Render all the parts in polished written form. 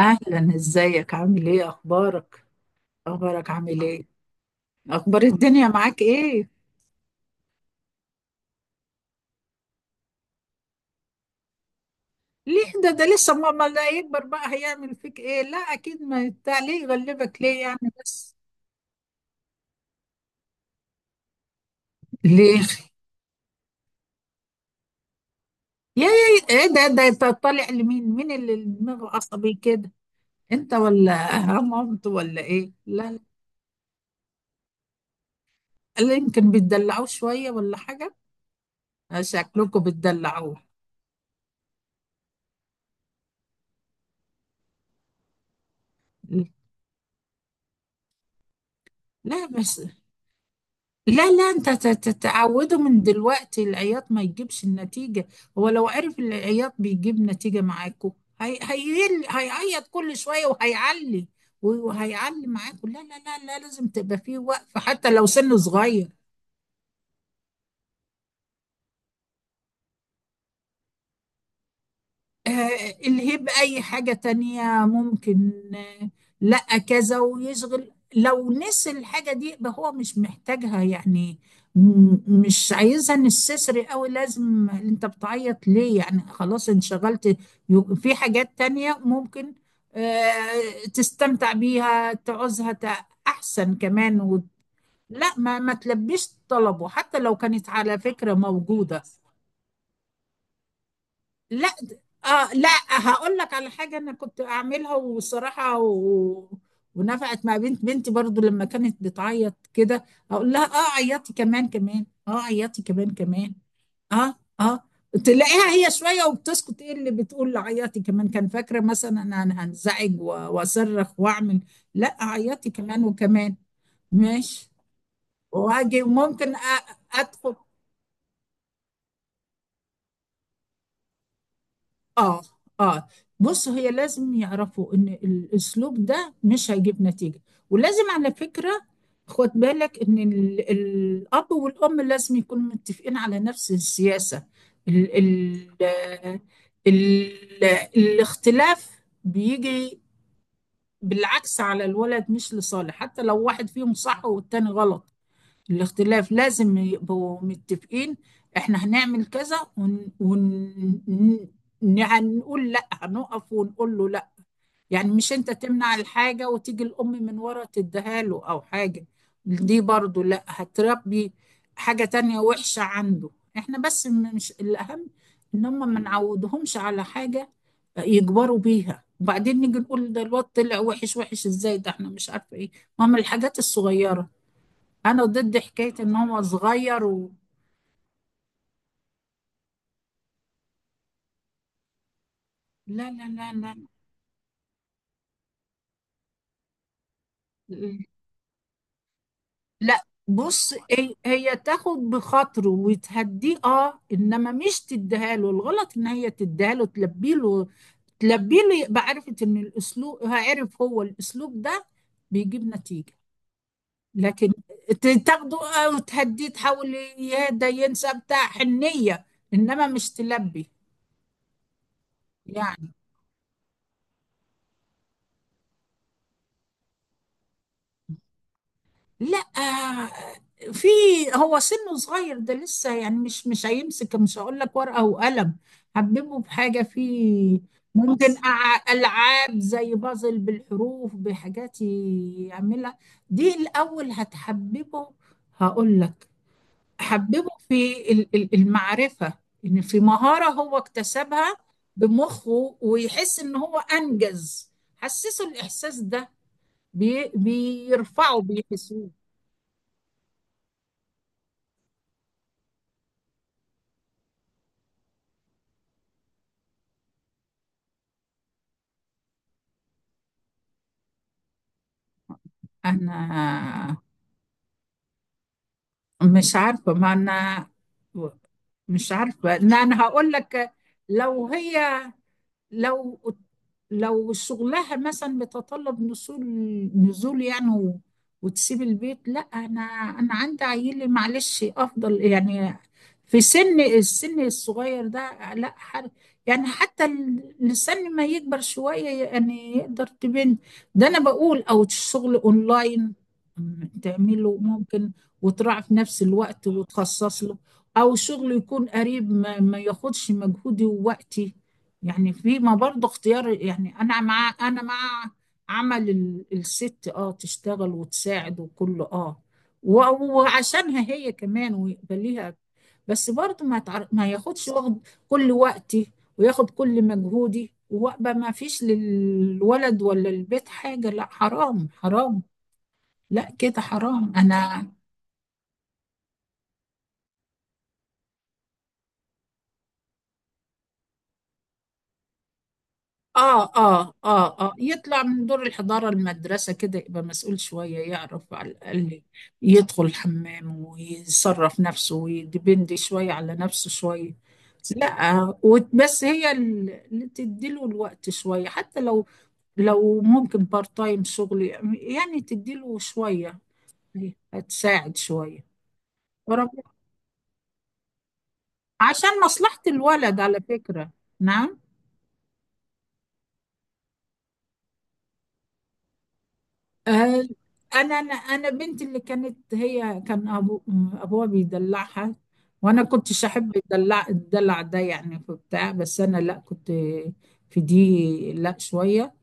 اهلا، ازيك؟ عامل ايه؟ اخبارك؟ اخبارك عامل ايه؟ اخبار الدنيا معاك ايه؟ ليه ده لسه ماما؟ لا يكبر بقى هيعمل فيك ايه؟ لا اكيد، ما بتاع، ليه يغلبك ليه يعني؟ بس ليه؟ يا ايه ده؟ انت طالع لمين؟ مين اللي دماغه عصبي كده؟ انت ولا مامته ولا ايه؟ لا، لا يمكن بتدلعوه شويه ولا حاجه؟ شكلكم بتدلعوه. لا بس، لا لا، انت تعوده من دلوقتي، العياط ما يجيبش النتيجة. هو لو عرف ان العياط بيجيب نتيجة معاكو، هيعيط كل شوية وهيعلي وهيعلي معاكو. لا لا لا لا، لازم تبقى فيه وقفة حتى لو سنه صغير. آه، الهيب أي حاجة تانية ممكن، آه، لأ كذا ويشغل، لو نسي الحاجة دي يبقى هو مش محتاجها يعني، مش عايزها، نستسري قوي لازم انت بتعيط ليه يعني؟ خلاص انشغلت، في حاجات تانية ممكن آه، تستمتع بيها تعوزها أحسن كمان و... لا ما تلبيش طلبه حتى لو كانت على فكرة موجودة. لا د- اه لا، هقول لك على حاجه انا كنت اعملها وصراحه و... ونفعت مع بنت بنتي، برضو لما كانت بتعيط كده اقول لها: اه عيطي كمان كمان، اه عيطي كمان كمان. اه اه، تلاقيها هي شويه وبتسكت. ايه اللي بتقول عيطي كمان؟ كان فاكره مثلا أنا هنزعج و... واصرخ واعمل، لا عيطي كمان وكمان. ماشي. واجي ممكن أ... ادخل. اه اه، بص، هي لازم يعرفوا ان الاسلوب ده مش هيجيب نتيجة، ولازم على فكرة خد بالك ان الاب والام لازم يكونوا متفقين على نفس السياسة. ال ال ال الاختلاف بيجي بالعكس على الولد، مش لصالح، حتى لو واحد فيهم صح والتاني غلط، الاختلاف لازم يبقوا متفقين. احنا هنعمل كذا، ونقول لا، هنقف ونقول له لا، يعني مش انت تمنع الحاجة وتيجي الأم من ورا تديها له أو حاجة. دي برضو لا، هتربي حاجة تانية وحشة عنده. احنا بس مش الأهم ان هم ما نعودهمش على حاجة يكبروا بيها، وبعدين نيجي نقول ده الواد طلع وحش، وحش ازاي ده؟ احنا مش عارفة ايه، ما هم الحاجات الصغيرة. انا ضد حكايه ان هو صغير و... لا لا لا لا لا، بص هي تاخد بخاطره وتهديه، اه، انما مش تديها له. الغلط ان هي تديها له، تلبي له، تلبي له يبقى عرفت ان الاسلوب، هيعرف هو الاسلوب ده بيجيب نتيجه. لكن تاخده آه وتهديه، تحاول يا ده ينسى بتاع، حنيه، انما مش تلبي. يعني لا، في هو سنه صغير ده لسه، يعني مش هيمسك، مش هقول لك ورقة وقلم، حببه بحاجة فيه، ممكن خلاص ألعاب زي بازل بالحروف، بحاجات يعملها، دي الأول هتحببه. هقول لك، حببه في المعرفة، إن في مهارة هو اكتسبها بمخه، ويحس إن هو أنجز، حسسه الإحساس ده، بيرفعه، بيحسوه. أنا مش عارفة، ما أنا مش عارفة، لا أنا هقول لك، لو هي، لو لو شغلها مثلا بتطلب نزول، نزول يعني و... وتسيب البيت، لا انا، انا عندي عيلي، معلش افضل يعني في السن الصغير ده، لا حر يعني، حتى لسن ما يكبر شوية يعني يقدر تبين. ده انا بقول او شغل اونلاين، م، تعمله ممكن، وتراعي في نفس الوقت وتخصص له. او شغل يكون قريب، ما ياخدش مجهودي ووقتي. يعني في، ما برضه اختيار، يعني انا مع عمل الست، اه، تشتغل وتساعد وكله اه، و... وعشانها هي كمان، ويبقى ليها، بس برضه ما يتعر... ما ياخدش، واخد كل وقتي، وياخد كل مجهودي، وابقى ما فيش للولد ولا البيت حاجة. لا حرام، حرام، لا كده حرام. انا، اه اه اه اه، يطلع من دور الحضانة المدرسة كده، يبقى مسؤول شوية، يعرف على الأقل يدخل الحمام، ويصرف نفسه، ويدبند شوية على نفسه شوية. لا بس هي اللي تديله الوقت شوية، حتى لو، لو ممكن بارت تايم شغل، يعني تديله شوية، هتساعد شوية. ورب- عشان مصلحة الولد على فكرة. نعم. آه، انا بنتي اللي كانت، هي كان ابو، ابوها بيدلعها، وانا كنتش احب الدلع ده يعني في بتاع، بس انا لا كنت، في دي لا شويه،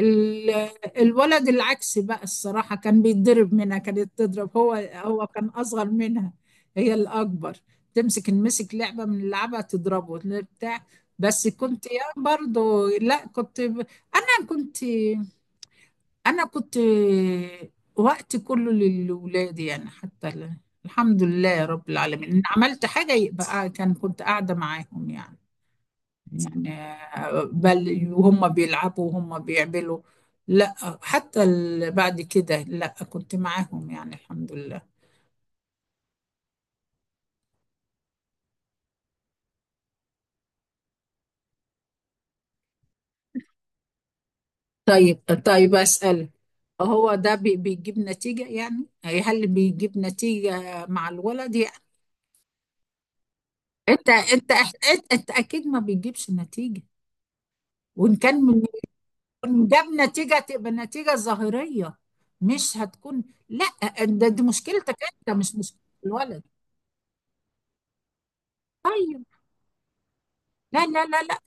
ال- الولد العكس بقى الصراحه، كان بيتضرب منها، كانت تضرب، هو كان اصغر منها، هي الاكبر، تمسك نمسك لعبه من لعبه تضربه بتاع. بس كنت، يا برضو لا كنت انا كنت، انا كنت وقت كله للولاد يعني، حتى الحمد لله يا رب العالمين، ان عملت حاجه يبقى كان، كنت قاعده معاهم يعني. يعني آه، بل وهم بيلعبوا وهم بيعملوا، لا حتى بعد كده لا، كنت معاهم يعني الحمد لله. طيب طيب اسال، هو ده بيجيب نتيجه يعني هل بيجيب نتيجه مع الولد يعني؟ انت اكيد ما بيجيبش نتيجه، وان كان ده بنتيجة، بنتيجة ظاهرية، مش هتكون، لا ده دي مشكلتك انت، مش مشكلة الولد. طيب، لا لا لا لا،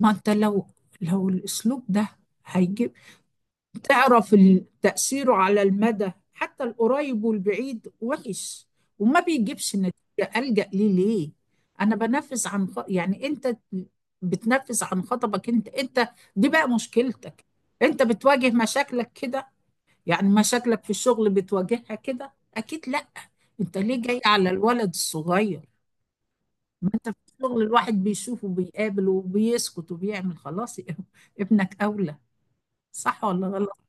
ما انت لو الاسلوب ده هيجيب، تعرف تأثيره على المدى حتى القريب والبعيد وحش، وما بيجيبش نتيجة، ألجأ ليه ليه؟ انا بنفذ عن خ... يعني انت بتنفذ عن خطبك انت، دي بقى مشكلتك، انت بتواجه مشاكلك كده، يعني مشاكلك في الشغل بتواجهها كده؟ اكيد لا. انت ليه جاي على الولد الصغير؟ ما انت في الشغل الواحد بيشوف وبيقابل وبيسكت وبيعمل خلاص. ابنك اولى، صح ولا غلط؟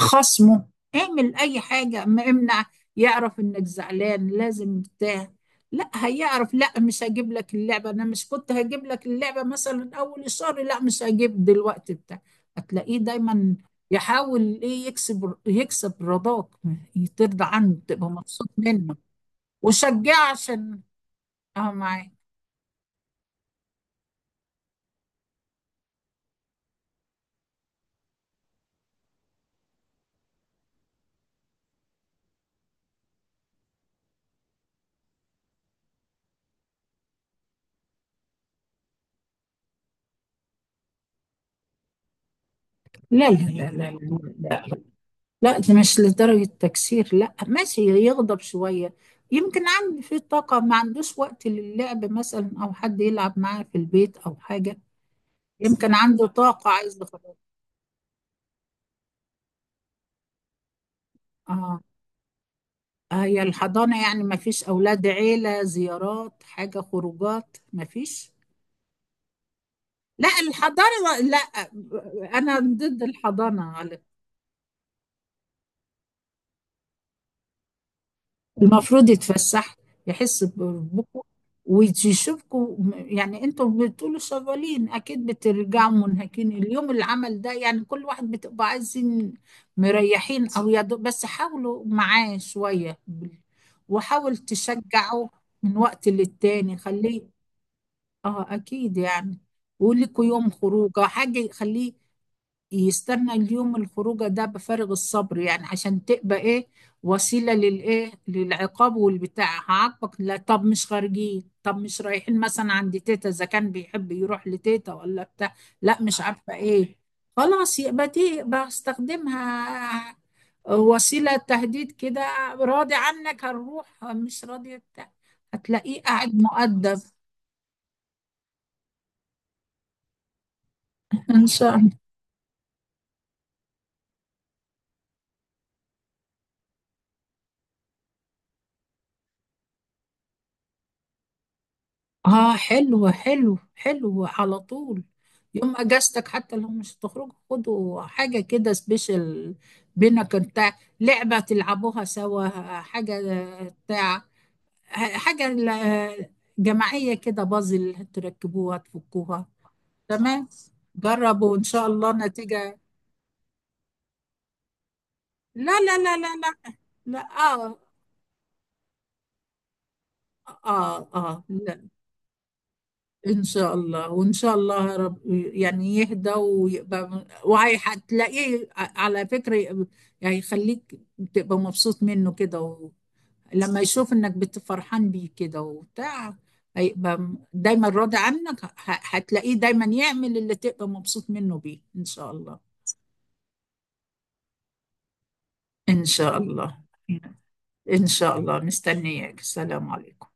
خصمه، اعمل اي حاجة، ما امنع، يعرف انك زعلان، لازم بتاع، لا هيعرف، لا مش هجيب لك اللعبة، انا مش كنت هجيب لك اللعبة مثلا اول الشهر، لا مش هجيب دلوقتي بتاع. هتلاقيه دايما يحاول ايه، يكسب، رضاك، ترضى عنه تبقى مبسوط منه، وشجعه عشان، اه، معاك. لا لا لا لا لا، لا. لا ده مش لدرجة تكسير، لا ماشي، يغضب شوية، يمكن عنده في طاقة، ما عندوش وقت للعب مثلا، أو حد يلعب معاه في البيت أو حاجة، يمكن عنده طاقة عايز يخرج. آه، هي الحضانة يعني، ما فيش أولاد، عيلة، زيارات، حاجة خروجات، ما فيش. لا الحضانة، لا أنا ضد الحضانة. المفروض يتفسح، يحس بربكم ويشوفكم، يعني انتوا بتقولوا شغالين اكيد، بترجعوا منهكين اليوم اللي عمل ده، يعني كل واحد بتبقى عايزين مريحين، او يا دوب، بس حاولوا معاه شوية وحاول تشجعه، من وقت للتاني خليه. اه اكيد يعني، ولكوا يوم خروجه حاجة يخليه يستنى اليوم الخروجه ده بفارغ الصبر، يعني عشان تبقى ايه، وسيله للايه، للعقاب والبتاع، هعاقبك، لا طب مش خارجين، طب مش رايحين مثلا عند تيتا، اذا كان بيحب يروح لتيتا ولا بتاع، لا مش عارفه ايه، خلاص يبقى دي بستخدمها وسيله تهديد كده، راضي عنك هنروح، مش راضي بتاع. هتلاقيه قاعد مؤدب. ان شاء، اه حلو حلو حلو على طول، يوم اجازتك حتى لو مش هتخرجوا خدوا حاجه كده سبيشال، بينك انت، لعبه تلعبوها سوا، حاجه بتاع، حاجه جماعيه كده، بازل تركبوها تفكوها. تمام، جربوا ان شاء الله نتيجه. لا لا لا لا لا، لا. اه اه اه، إن شاء الله، وإن شاء الله رب يعني يهدى ويبقى، وهتلاقيه على فكرة يبقى، يعني يخليك تبقى مبسوط منه كده و... لما يشوف إنك بتفرحان بيه كده وبتاع، هيبقى دايما راضي عنك، هتلاقيه دايما يعمل اللي تبقى مبسوط منه بيه إن شاء الله. إن شاء الله، إن شاء الله مستنياك، السلام عليكم.